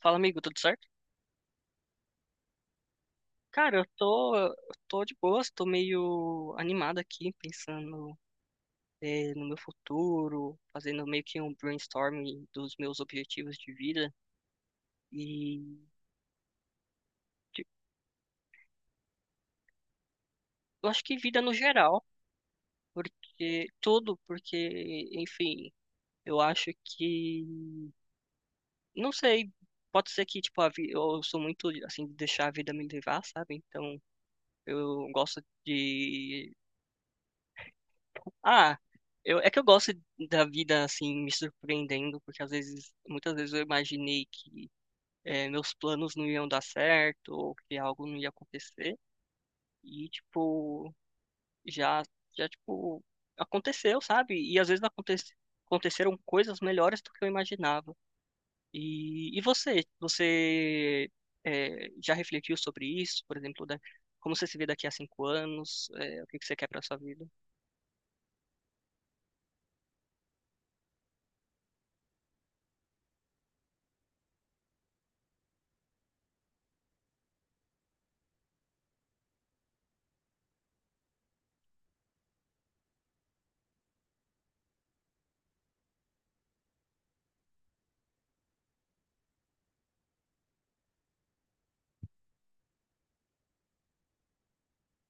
Fala, amigo, tudo certo? Cara, eu tô de boas, tô meio animado aqui, pensando, no meu futuro, fazendo meio que um brainstorming dos meus objetivos de vida. E tipo, eu acho que vida no geral, porque tudo, porque, enfim, eu acho que, não sei, pode ser que, tipo, eu sou muito, assim, de deixar a vida me levar, sabe? Então, eu gosto de. Ah, é que eu gosto da vida assim me surpreendendo, porque às vezes, muitas vezes eu imaginei que meus planos não iam dar certo ou que algo não ia acontecer e tipo já já aconteceu, sabe? E às vezes aconteceram coisas melhores do que eu imaginava. E você, você já refletiu sobre isso, por exemplo, como você se vê daqui a 5 anos, eh, o que que você quer para sua vida?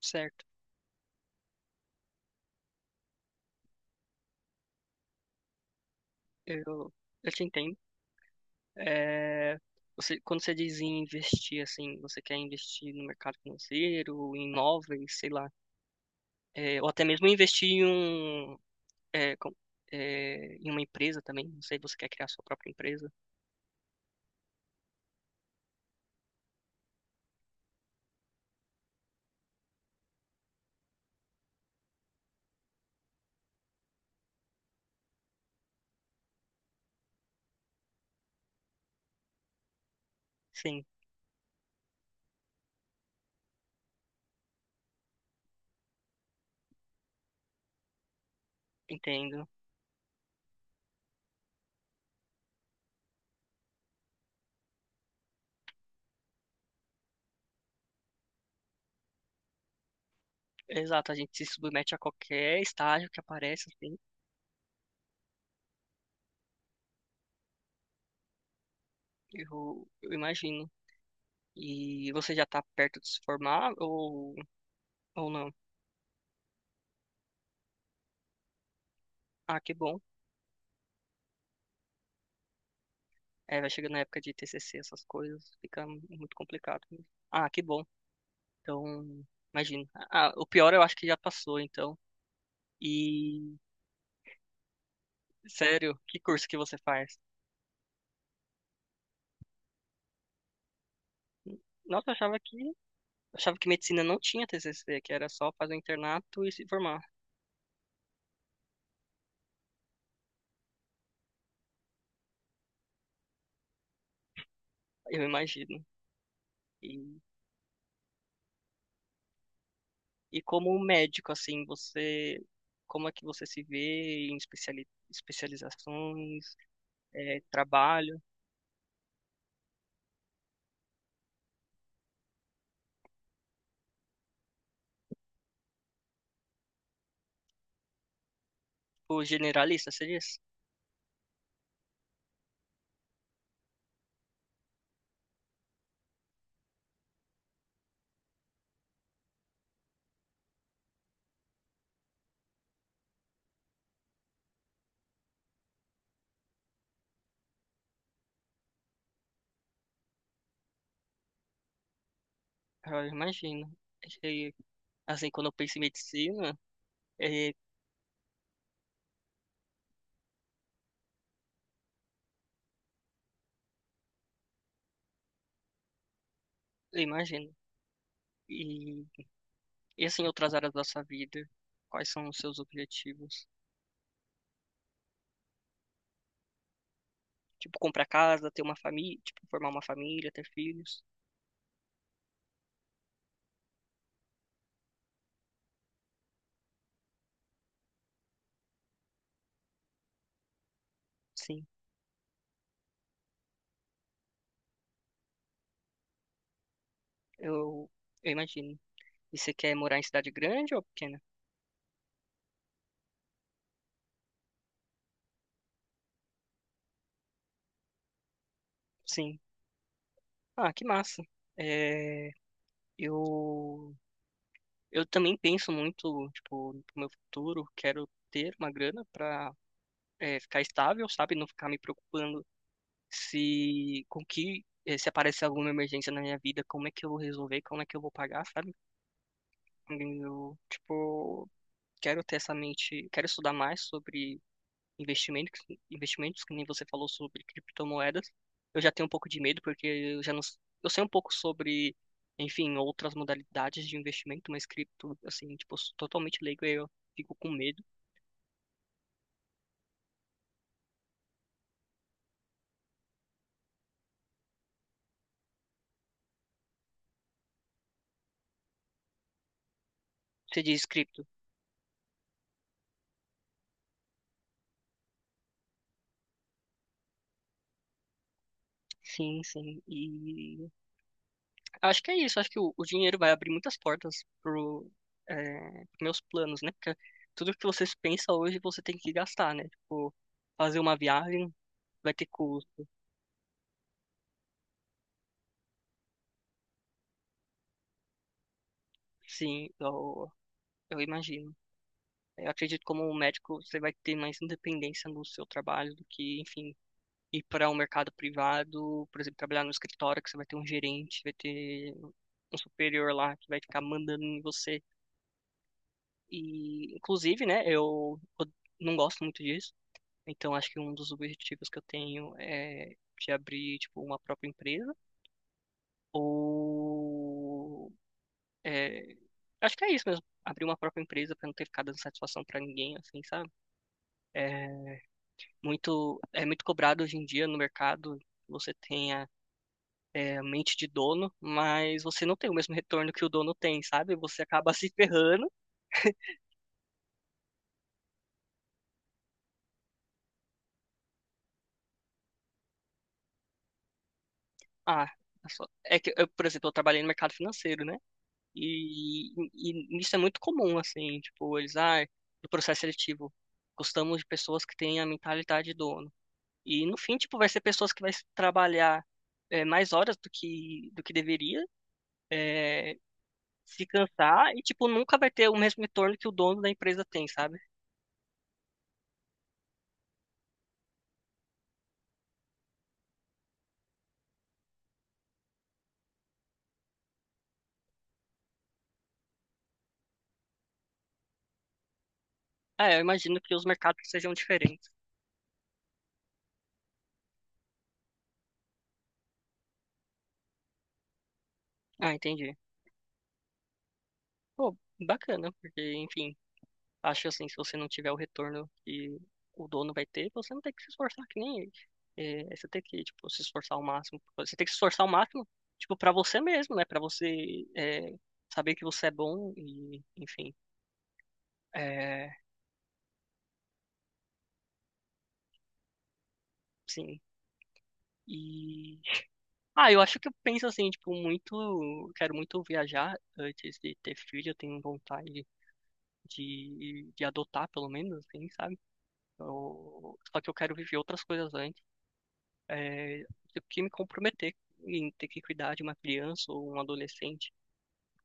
Certo? Eu eu te entendo. É, você, quando você diz em investir, assim, você quer investir no mercado financeiro, em imóveis, sei lá, é, ou até mesmo investir em, um, é, é, em uma empresa também, não sei, você quer criar sua própria empresa? Sim, entendo. Exato, a gente se submete a qualquer estágio que aparece, assim, eu imagino. E você já tá perto de se formar ou não? Ah, que bom. É, vai chegando na época de TCC, essas coisas, fica muito complicado mesmo. Ah, que bom. Então, imagino. Ah, o pior eu acho que já passou, então. E, sério, que curso que você faz? Nossa, eu achava que medicina não tinha TCC, que era só fazer o internato e se formar. Eu imagino. E, e como médico, assim, você, como é que você se vê em especializações, eh, trabalho? Tipo, generalista, você diz? Ah, eu imagino. E, assim, quando eu penso em medicina, eh, eu imagino. E, e assim, outras áreas da sua vida, quais são os seus objetivos? Tipo, comprar casa, ter uma família, tipo, formar uma família, ter filhos? Sim, eu, eu imagino. E você quer morar em cidade grande ou pequena? Sim. Ah, que massa. É, eu, eu também penso muito, tipo, no meu futuro, quero ter uma grana pra, é, ficar estável, sabe? Não ficar me preocupando se, com que, eh, se aparecer alguma emergência na minha vida, como é que eu vou resolver, como é que eu vou pagar, sabe? Eu, tipo, quero ter essa mente, quero estudar mais sobre investimentos, investimentos, que nem você falou sobre criptomoedas. Eu já tenho um pouco de medo porque eu já não, s- eu sei um pouco sobre, enfim, outras modalidades de investimento, mas cripto, assim, tipo, eu sou totalmente leigo, aí eu fico com medo. Você diz cripto? Sim, sim. E acho que é isso, acho que o dinheiro vai abrir muitas portas pro, é, pros meus planos, né? Porque tudo que você pensa hoje você tem que gastar, né? Tipo, fazer uma viagem vai ter custo, sim, eu imagino. Eu acredito que como um médico você vai ter mais independência no seu trabalho do que, enfim, ir para um mercado privado, por exemplo, trabalhar no escritório que você vai ter um gerente, vai ter um superior lá que vai ficar mandando em você. E, inclusive, né, eu não gosto muito disso. Então, acho que um dos objetivos que eu tenho é de abrir, tipo, uma própria empresa ou... é, acho que é isso mesmo. Abrir uma própria empresa para não ter ficado dando satisfação para ninguém, assim, sabe? É é muito cobrado hoje em dia no mercado. Você tem a a mente de dono, mas você não tem o mesmo retorno que o dono tem, sabe? Você acaba se ferrando. Ah, é que, eu, por exemplo, eu trabalhei no mercado financeiro, né? E isso é muito comum, assim, tipo, eles, ah, do processo seletivo, gostamos de pessoas que têm a mentalidade de dono. E no fim, tipo, vai ser pessoas que vai trabalhar é, mais horas do que deveria, é, se cansar e, tipo, nunca vai ter o mesmo retorno que o dono da empresa tem, sabe? Ah, eu imagino que os mercados sejam diferentes. Ah, entendi. Pô, bacana, porque, enfim, acho assim, se você não tiver o retorno que o dono vai ter, você não tem que se esforçar que nem ele. É, você tem que, tipo, se esforçar ao máximo. Você tem que se esforçar ao máximo, tipo, para você mesmo, né? Para você é, saber que você é bom e, enfim, é, sim. E, ah, eu acho que eu penso assim, tipo, muito, quero muito viajar antes de ter filho. Eu tenho vontade de adotar, pelo menos, assim, sabe? Só que eu quero viver outras coisas antes. É, do que me comprometer em ter que cuidar de uma criança ou um adolescente,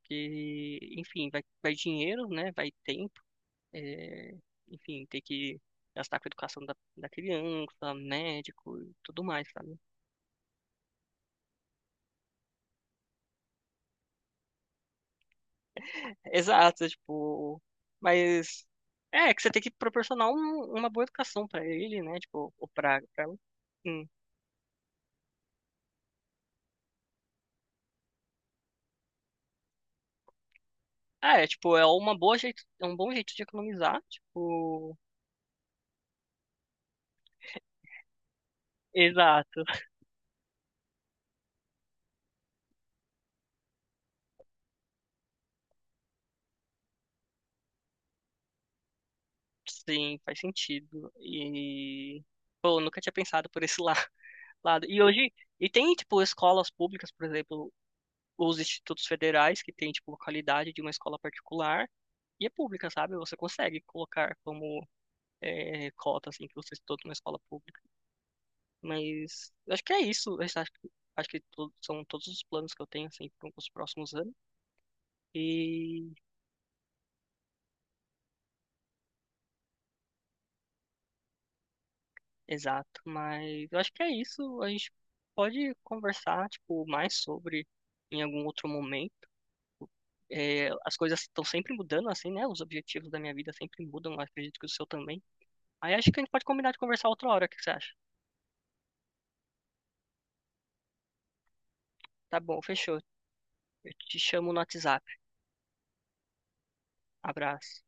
porque, enfim, vai, vai dinheiro, né? Vai tempo, é, enfim, ter que gastar com a educação da criança, médico e tudo mais, sabe? Exato, tipo, mas é que você tem que proporcionar uma boa educação pra ele, né? Tipo, ou pra, pra ela. Hum. Ah, é, tipo, é uma boa jeito, é um bom jeito de economizar, tipo, exato. Sim, faz sentido. E, pô, eu nunca tinha pensado por esse lado. E hoje, e tem, tipo, escolas públicas, por exemplo, os institutos federais, que tem, tipo, a qualidade de uma escola particular, e é pública, sabe? Você consegue colocar como é, cota, assim, que você estudou numa escola pública. Mas, eu acho que é isso. Eu acho que são todos os planos que eu tenho, assim, para os próximos anos. E exato, mas eu acho que é isso. A gente pode conversar, tipo, mais sobre em algum outro momento. É, as coisas estão sempre mudando, assim, né? Os objetivos da minha vida sempre mudam, eu acredito que o seu também. Aí acho que a gente pode combinar de conversar outra hora, o que que você acha? Tá bom, fechou. Eu te chamo no WhatsApp. Abraço.